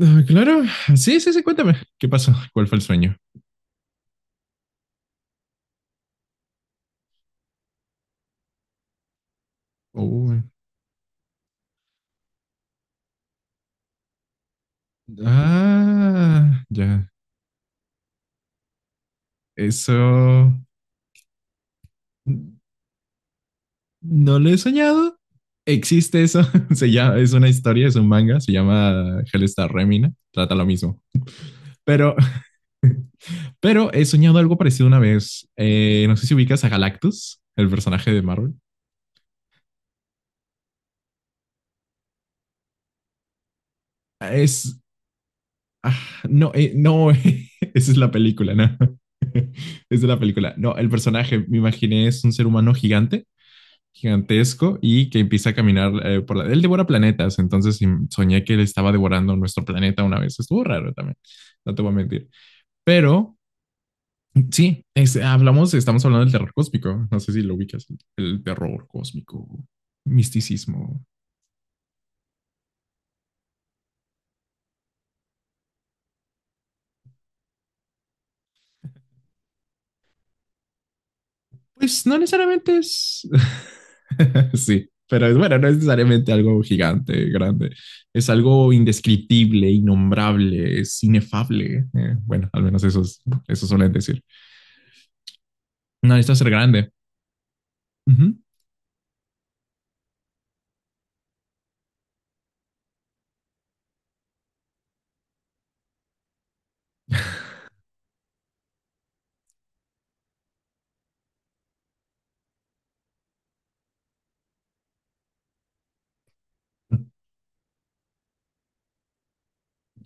Ah, claro, sí, sí, sí, cuéntame. ¿Qué pasó? ¿Cuál fue el sueño? Uy. Ah, ya. Eso no lo he soñado. Existe eso. Se llama, es una historia, es un manga, se llama Hellstar Remina. Trata lo mismo. Pero, pero he soñado algo parecido una vez. No sé si ubicas a Galactus, el personaje de Marvel. Es. Ah, no, no, esa es la película, ¿no? Esa es la película. No, el personaje, me imaginé, es un ser humano gigante gigantesco y que empieza a caminar por la... Él devora planetas, entonces soñé que él estaba devorando nuestro planeta una vez. Estuvo raro también, no te voy a mentir. Pero sí, es, hablamos, estamos hablando del terror cósmico. No sé si lo ubicas, el terror cósmico, misticismo. Pues no necesariamente es... sí, pero es bueno, no es necesariamente algo gigante, grande. Es algo indescriptible, innombrable, es inefable. Bueno, al menos eso, es, eso suelen decir. No necesita ser grande. Ujú.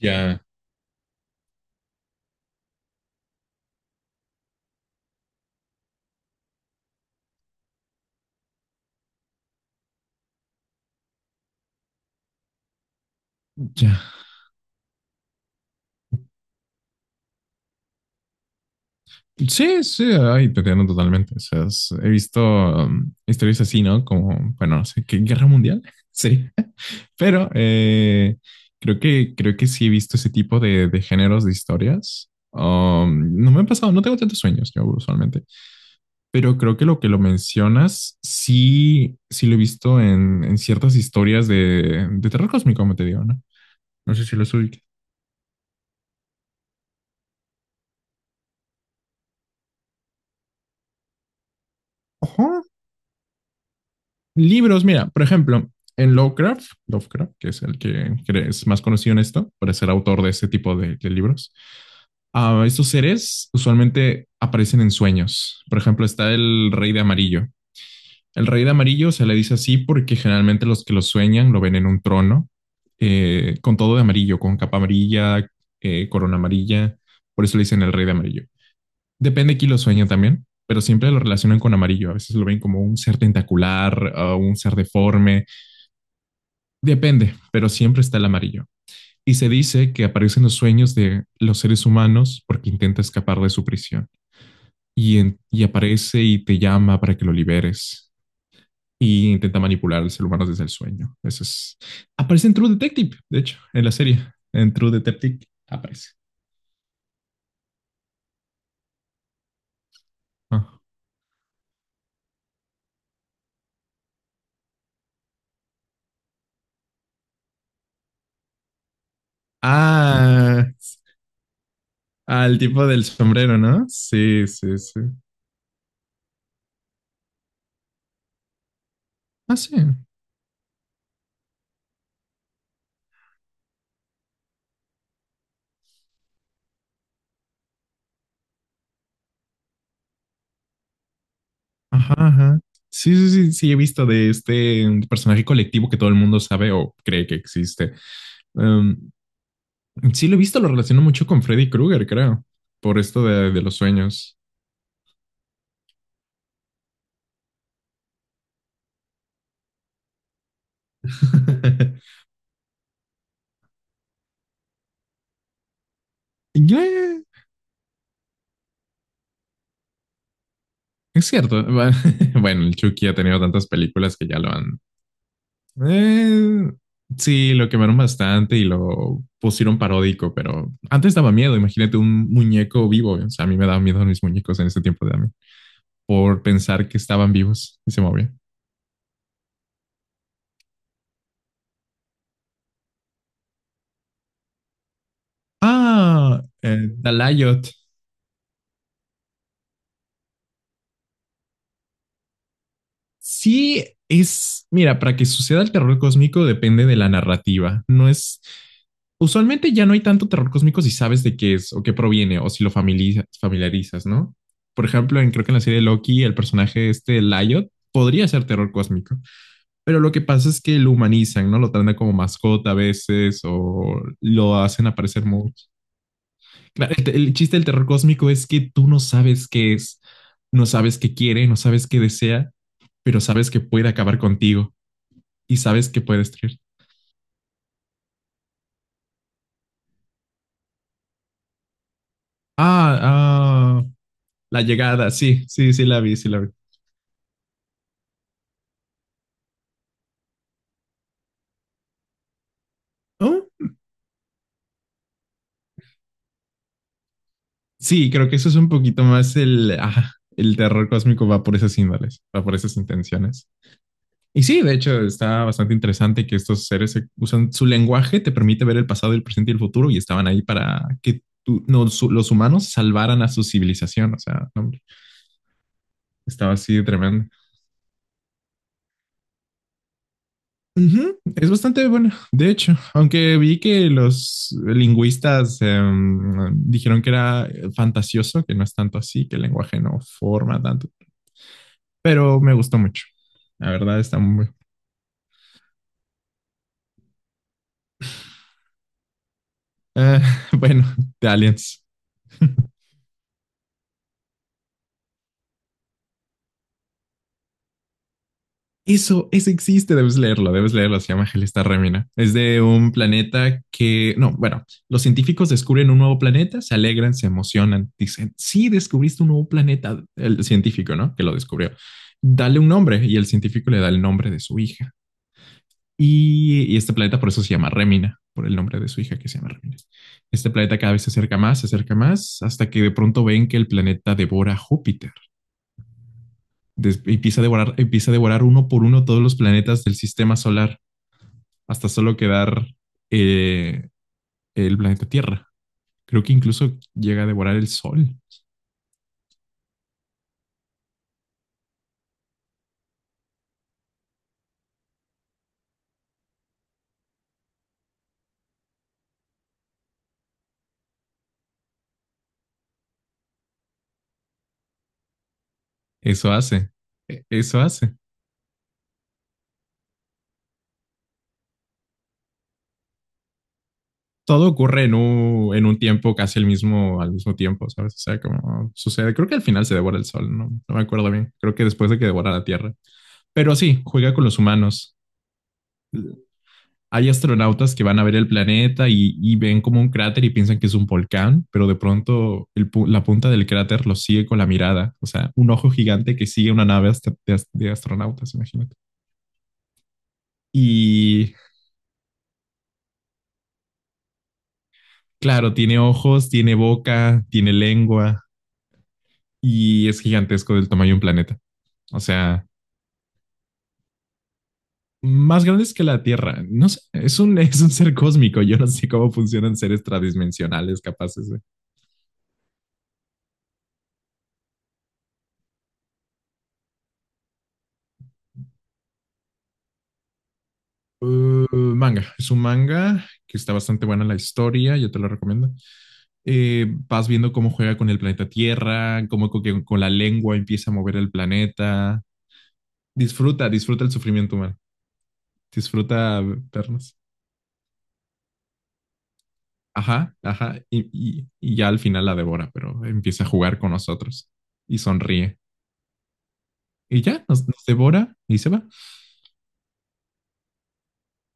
Ya. Ya. Sí, sí, ahí te entiendo totalmente. O sea, he visto historias así, ¿no? Como, bueno, no sé, ¿qué guerra mundial? Sí. Pero creo que sí he visto ese tipo de géneros de historias. No me han pasado, no tengo tantos sueños yo usualmente, pero creo que lo mencionas sí, sí lo he visto en ciertas historias de terror cósmico, como te digo, ¿no? No sé si lo ubicas. Libros, mira, por ejemplo, en Lovecraft, que es el que es más conocido en esto, por ser autor de este tipo de libros, estos seres usualmente aparecen en sueños. Por ejemplo, está el rey de amarillo. El rey de amarillo se le dice así porque generalmente los que lo sueñan lo ven en un trono, con todo de amarillo, con capa amarilla, corona amarilla. Por eso le dicen el rey de amarillo. Depende de quién lo sueña también, pero siempre lo relacionan con amarillo. A veces lo ven como un ser tentacular, un ser deforme. Depende, pero siempre está el amarillo. Y se dice que aparecen los sueños de los seres humanos porque intenta escapar de su prisión. Y, y aparece y te llama para que lo liberes. Y intenta manipular al ser humano desde el sueño. Eso es. Aparece en True Detective, de hecho, en la serie. En True Detective aparece. Ah, ah, al tipo del sombrero, ¿no? Sí, sí, sí. Ah, sí. Ajá, ajá. Sí, sí, sí, sí, he visto de este personaje colectivo que todo el mundo sabe o cree que existe. Em, sí, lo he visto, lo relaciono mucho con Freddy Krueger, creo, por esto de los sueños. Yeah, es cierto. Bueno, el Chucky ha tenido tantas películas que ya lo han... eh, sí, lo quemaron bastante y lo pusieron paródico, pero antes daba miedo. Imagínate un muñeco vivo. O sea, a mí me daban miedo mis muñecos en ese tiempo de mí por pensar que estaban vivos y se movían. Ah, Dalayot. Sí, es, mira, para que suceda el terror cósmico depende de la narrativa. No es, usualmente ya no hay tanto terror cósmico si sabes de qué es o qué proviene o si lo familiarizas, ¿no? Por ejemplo, en, creo que en la serie de Loki, el personaje este, Lyot, podría ser terror cósmico, pero lo que pasa es que lo humanizan, ¿no? Lo tratan como mascota a veces o lo hacen aparecer mucho. Claro, el chiste del terror cósmico es que tú no sabes qué es, no sabes qué quiere, no sabes qué desea, pero sabes que puede acabar contigo y sabes que puede destruir. Ah, ah, la llegada, sí, sí, sí la vi, sí la vi. Oh, sí, creo que eso es un poquito más el, ah, el terror cósmico va por esas índoles, va por esas intenciones. Y sí, de hecho, está bastante interesante que estos seres usan su lenguaje, te permite ver el pasado, el presente y el futuro, y estaban ahí para que los humanos salvaran a su civilización. O sea, no, hombre, estaba así de tremendo. Ujú, es bastante bueno, de hecho, aunque vi que los lingüistas dijeron que era fantasioso, que no es tanto así, que el lenguaje no forma tanto, pero me gustó mucho. La verdad está muy... Eh, bueno, de Aliens. Eso existe, debes leerlo, se llama Gelesta Remina. Es de un planeta que, no, bueno, los científicos descubren un nuevo planeta, se alegran, se emocionan, dicen, sí, descubriste un nuevo planeta, el científico, ¿no? Que lo descubrió. Dale un nombre y el científico le da el nombre de su hija. Y este planeta por eso se llama Remina, por el nombre de su hija que se llama Remina. Este planeta cada vez se acerca más, hasta que de pronto ven que el planeta devora Júpiter. Empieza a devorar uno por uno todos los planetas del sistema solar hasta solo quedar eh, el planeta Tierra. Creo que incluso llega a devorar el Sol. Eso hace, eso hace. Todo ocurre en un tiempo casi el mismo, al mismo tiempo, ¿sabes? O sea, como sucede. Creo que al final se devora el sol, no, no me acuerdo bien. Creo que después de que devora la Tierra. Pero sí, juega con los humanos. Hay astronautas que van a ver el planeta y ven como un cráter y piensan que es un volcán, pero de pronto el la punta del cráter lo sigue con la mirada, o sea, un ojo gigante que sigue una nave de, de astronautas, imagínate. Y claro, tiene ojos, tiene boca, tiene lengua y es gigantesco del tamaño de un planeta. O sea, más grandes que la Tierra. No sé, es un, es un ser cósmico. Yo no sé cómo funcionan seres tradimensionales capaces de... manga, es un manga que está bastante buena la historia, yo te lo recomiendo. Vas viendo cómo juega con el planeta Tierra, que con la lengua empieza a mover el planeta. Disfruta, disfruta el sufrimiento humano, disfruta vernos. Ajá, ajá, y ya al final la devora, pero empieza a jugar con nosotros y sonríe. Y ya, nos, nos devora y se va.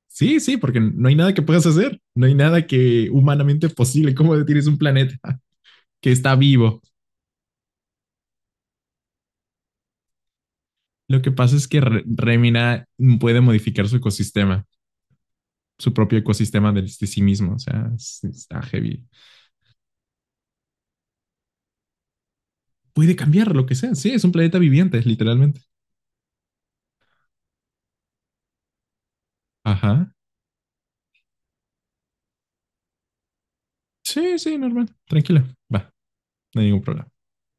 Sí, sí, porque no hay nada que puedas hacer, no hay nada que humanamente posible. ¿Cómo detienes un planeta que está vivo? Lo que pasa es que Remina puede modificar su ecosistema, su propio ecosistema de sí mismo. O sea, está heavy. Puede cambiar lo que sea. Sí, es un planeta viviente, literalmente. Ajá. Sí, sí, normal. Tranquila. Va, no hay ningún problema.